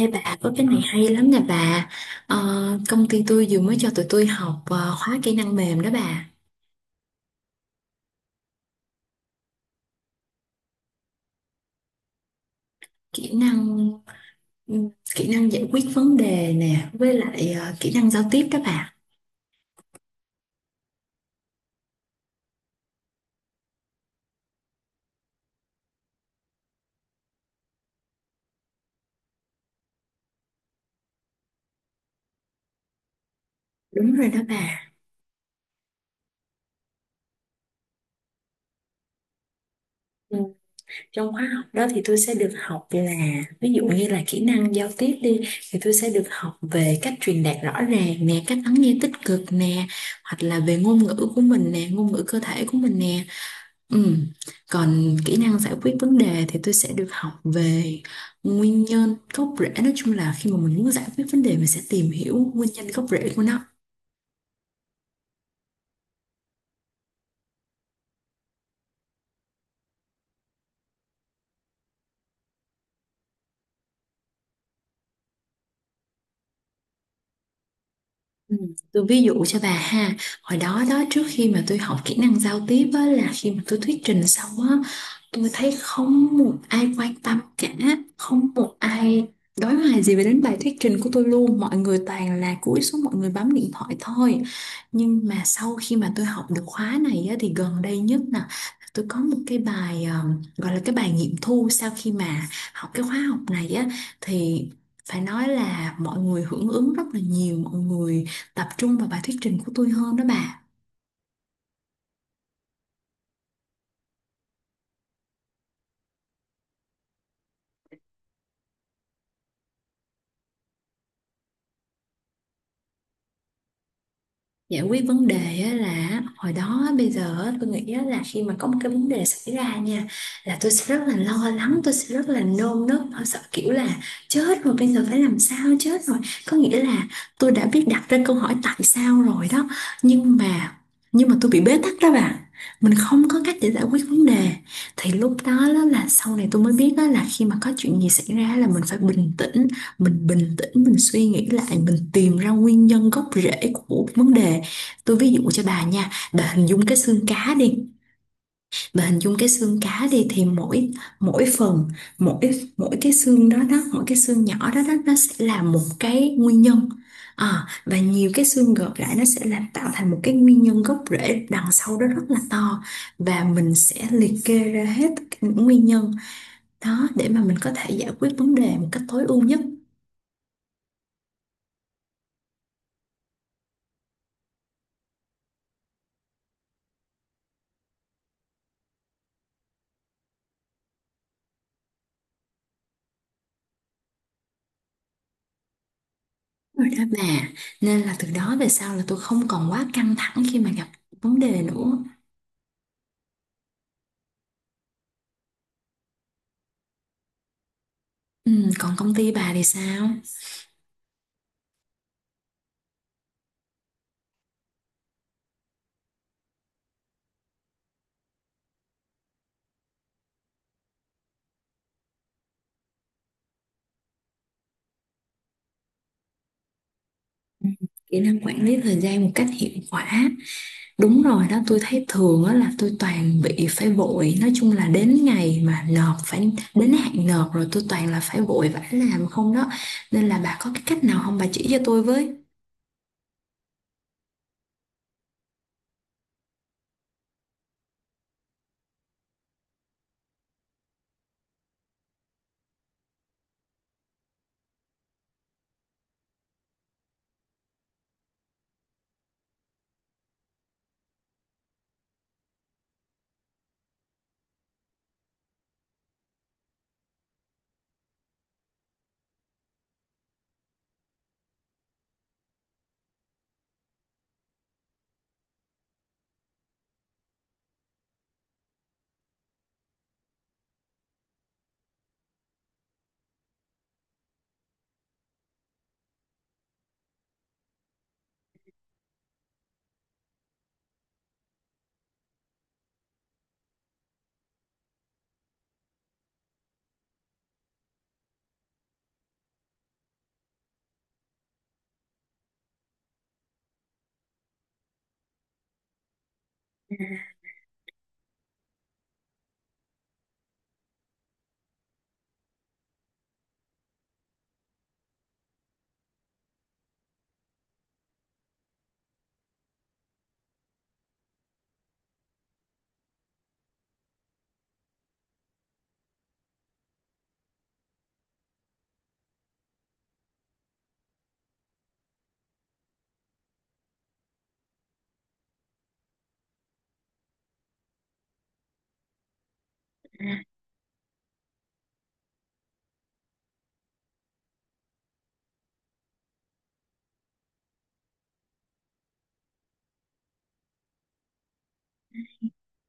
Ê bà, có cái này hay lắm nè bà. Ờ, công ty tôi vừa mới cho tụi tôi học khóa kỹ năng mềm đó bà. Kỹ năng ừm, kỹ năng giải quyết vấn đề nè. Với lại kỹ năng giao tiếp đó bà. Đúng rồi đó bà. Ừ, trong khóa học đó thì tôi sẽ được học là, ví dụ như là kỹ năng giao tiếp đi, thì tôi sẽ được học về cách truyền đạt rõ ràng nè, cách lắng nghe tích cực nè, hoặc là về ngôn ngữ của mình nè, ngôn ngữ cơ thể của mình nè. Ừ. Còn kỹ năng giải quyết vấn đề thì tôi sẽ được học về nguyên nhân gốc rễ. Nói chung là khi mà mình muốn giải quyết vấn đề, mình sẽ tìm hiểu nguyên nhân gốc rễ của nó. Ừ, tôi ví dụ cho bà ha. Hồi đó đó, trước khi mà tôi học kỹ năng giao tiếp á, là khi mà tôi thuyết trình xong á, tôi thấy không một ai quan tâm cả, không một ai đối hoài gì về đến bài thuyết trình của tôi luôn. Mọi người toàn là cúi xuống, mọi người bấm điện thoại thôi. Nhưng mà sau khi mà tôi học được khóa này á, thì gần đây nhất nè, tôi có một cái bài gọi là cái bài nghiệm thu. Sau khi mà học cái khóa học này á, thì phải nói là mọi người hưởng ứng rất là nhiều, mọi người tập trung vào bài thuyết trình của tôi hơn đó bà. Giải quyết vấn đề á, là hồi đó bây giờ á, tôi nghĩ á, là khi mà có một cái vấn đề xảy ra nha, là tôi sẽ rất là lo lắng, tôi sẽ rất là nôn nức, tôi sợ kiểu là chết rồi bây giờ phải làm sao, chết rồi, có nghĩa là tôi đã biết đặt ra câu hỏi tại sao rồi đó. Nhưng mà nhưng mà tôi bị bế tắc đó bạn, mình không có cách để giải quyết vấn đề. Thì lúc đó, đó là sau này tôi mới biết, đó là khi mà có chuyện gì xảy ra là mình phải bình tĩnh, mình bình tĩnh, mình suy nghĩ lại, mình tìm ra nguyên nhân gốc rễ của vấn đề. Tôi ví dụ cho bà nha, bà hình dung cái xương cá đi, bà hình dung cái xương cá đi, thì mỗi mỗi phần, mỗi mỗi cái xương đó đó, mỗi cái xương nhỏ đó đó, nó sẽ là một cái nguyên nhân. À, và nhiều cái xương gộp lại nó sẽ làm tạo thành một cái nguyên nhân gốc rễ đằng sau đó rất là to, và mình sẽ liệt kê ra hết tất cả những nguyên nhân đó để mà mình có thể giải quyết vấn đề một cách tối ưu nhất. Rồi đó bà, nên là từ đó về sau là tôi không còn quá căng thẳng khi mà gặp vấn đề nữa. Ừ, còn công ty bà thì sao? Ừ. Kỹ năng quản lý thời gian một cách hiệu quả. Đúng rồi đó, tôi thấy thường á là tôi toàn bị phải vội. Nói chung là đến ngày mà nộp, phải đến hạn nộp rồi tôi toàn là phải vội vã làm không đó. Nên là bà có cái cách nào không, bà chỉ cho tôi với?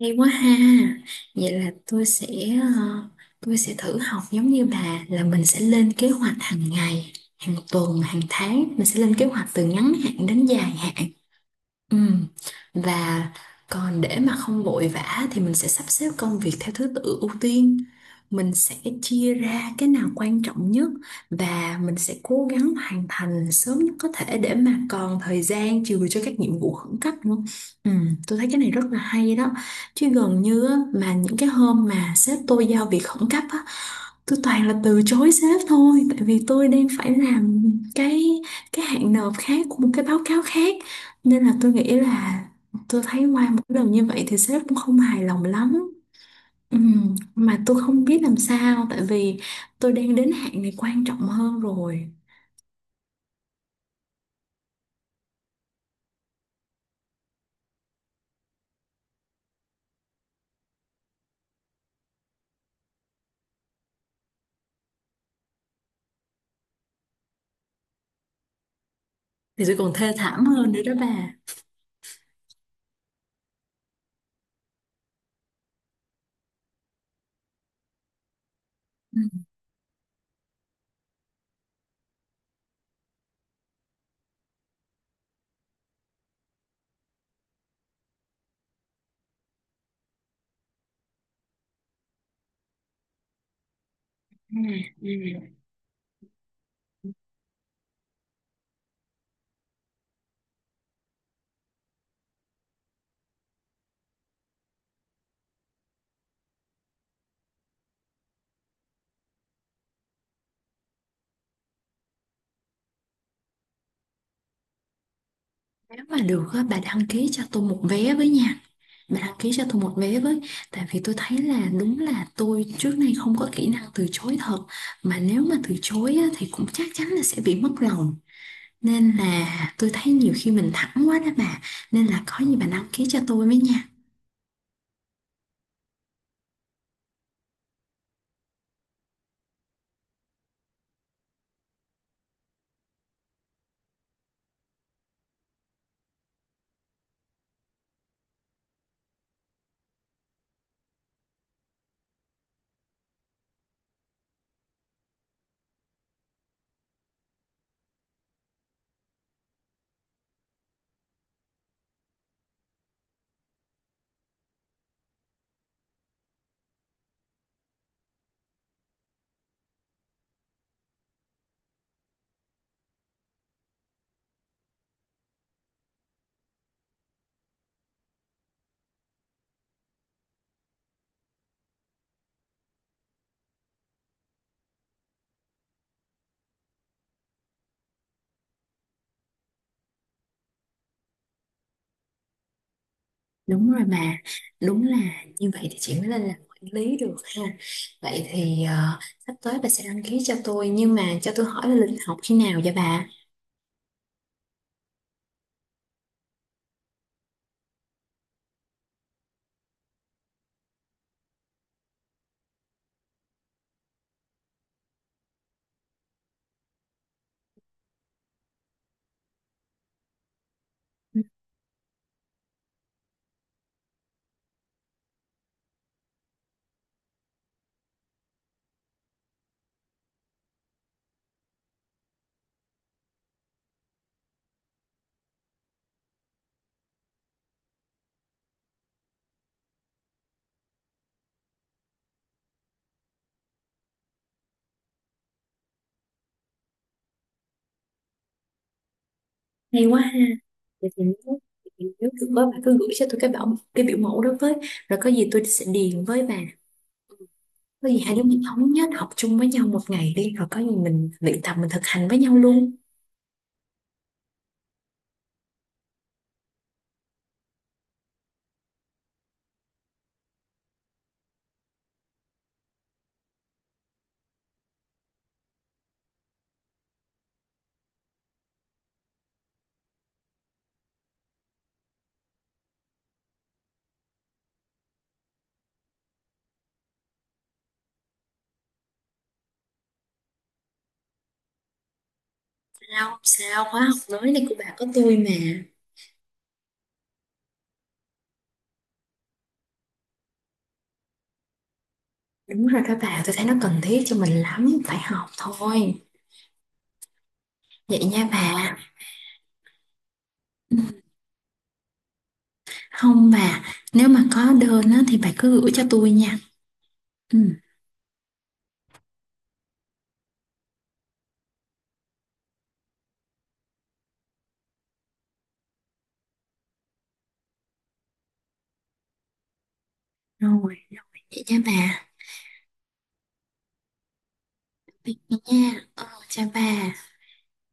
Hay quá ha. Vậy là tôi sẽ ờ, tôi sẽ thử học giống như bà, là mình sẽ lên kế hoạch hàng ngày, hàng tuần, hàng tháng. Mình sẽ lên kế hoạch từ ngắn hạn đến dài hạn. Ừ. Và còn để mà không vội vã thì mình sẽ sắp xếp công việc theo thứ tự ưu tiên. Mình sẽ chia ra cái nào quan trọng nhất, và mình sẽ cố gắng hoàn thành sớm nhất có thể để mà còn thời gian chừa cho các nhiệm vụ khẩn cấp nữa. Ừ, tôi thấy cái này rất là hay đó. Chứ gần như á, mà những cái hôm mà sếp tôi giao việc khẩn cấp á, tôi toàn là từ chối sếp thôi, tại vì tôi đang phải làm cái cái hạn nộp khác của một cái báo cáo khác, nên là tôi nghĩ là tôi thấy qua một cái lần như vậy thì sếp cũng không hài lòng lắm. Mà tôi không biết làm sao, tại vì tôi đang đến hạn này quan trọng hơn rồi. Thì tôi còn thê thảm hơn nữa đó bà. Ừ. Ừ, ừ. Nếu mà được á, bà đăng ký cho tôi một vé với nha. Bà đăng ký cho tôi một vé với. Tại vì tôi thấy là đúng là tôi trước nay không có kỹ năng từ chối thật. Mà nếu mà từ chối á, thì cũng chắc chắn là sẽ bị mất lòng. Nên là tôi thấy nhiều khi mình thẳng quá đó bà. Nên là có gì bà đăng ký cho tôi với nha. Đúng rồi bà. Đúng là như vậy thì chị mới lên làm quản lý được ha. Vậy thì sắp tới bà sẽ đăng ký cho tôi. Nhưng mà cho tôi hỏi là lịch học khi nào vậy bà? Hay quá ha. Vậy thì vậy thì nếu được đó, bà cứ gửi cho tôi cái cái biểu mẫu đó với. Rồi có gì tôi sẽ điền với bà. Có gì hai đứa mình thống nhất học chung với nhau một ngày đi. Rồi có gì mình luyện tập, mình thực hành với nhau luôn. Sao, khóa học mới này của bà có tôi mà. Đúng rồi các bà, tôi thấy nó cần thiết cho mình lắm, phải học thôi. Vậy nha bà. Ừ. Không bà, nếu mà có đơn á, thì bà cứ gửi cho tôi nha. Ừ. Rồi, rồi, vậy nha bà. Vậy nha, chào bà.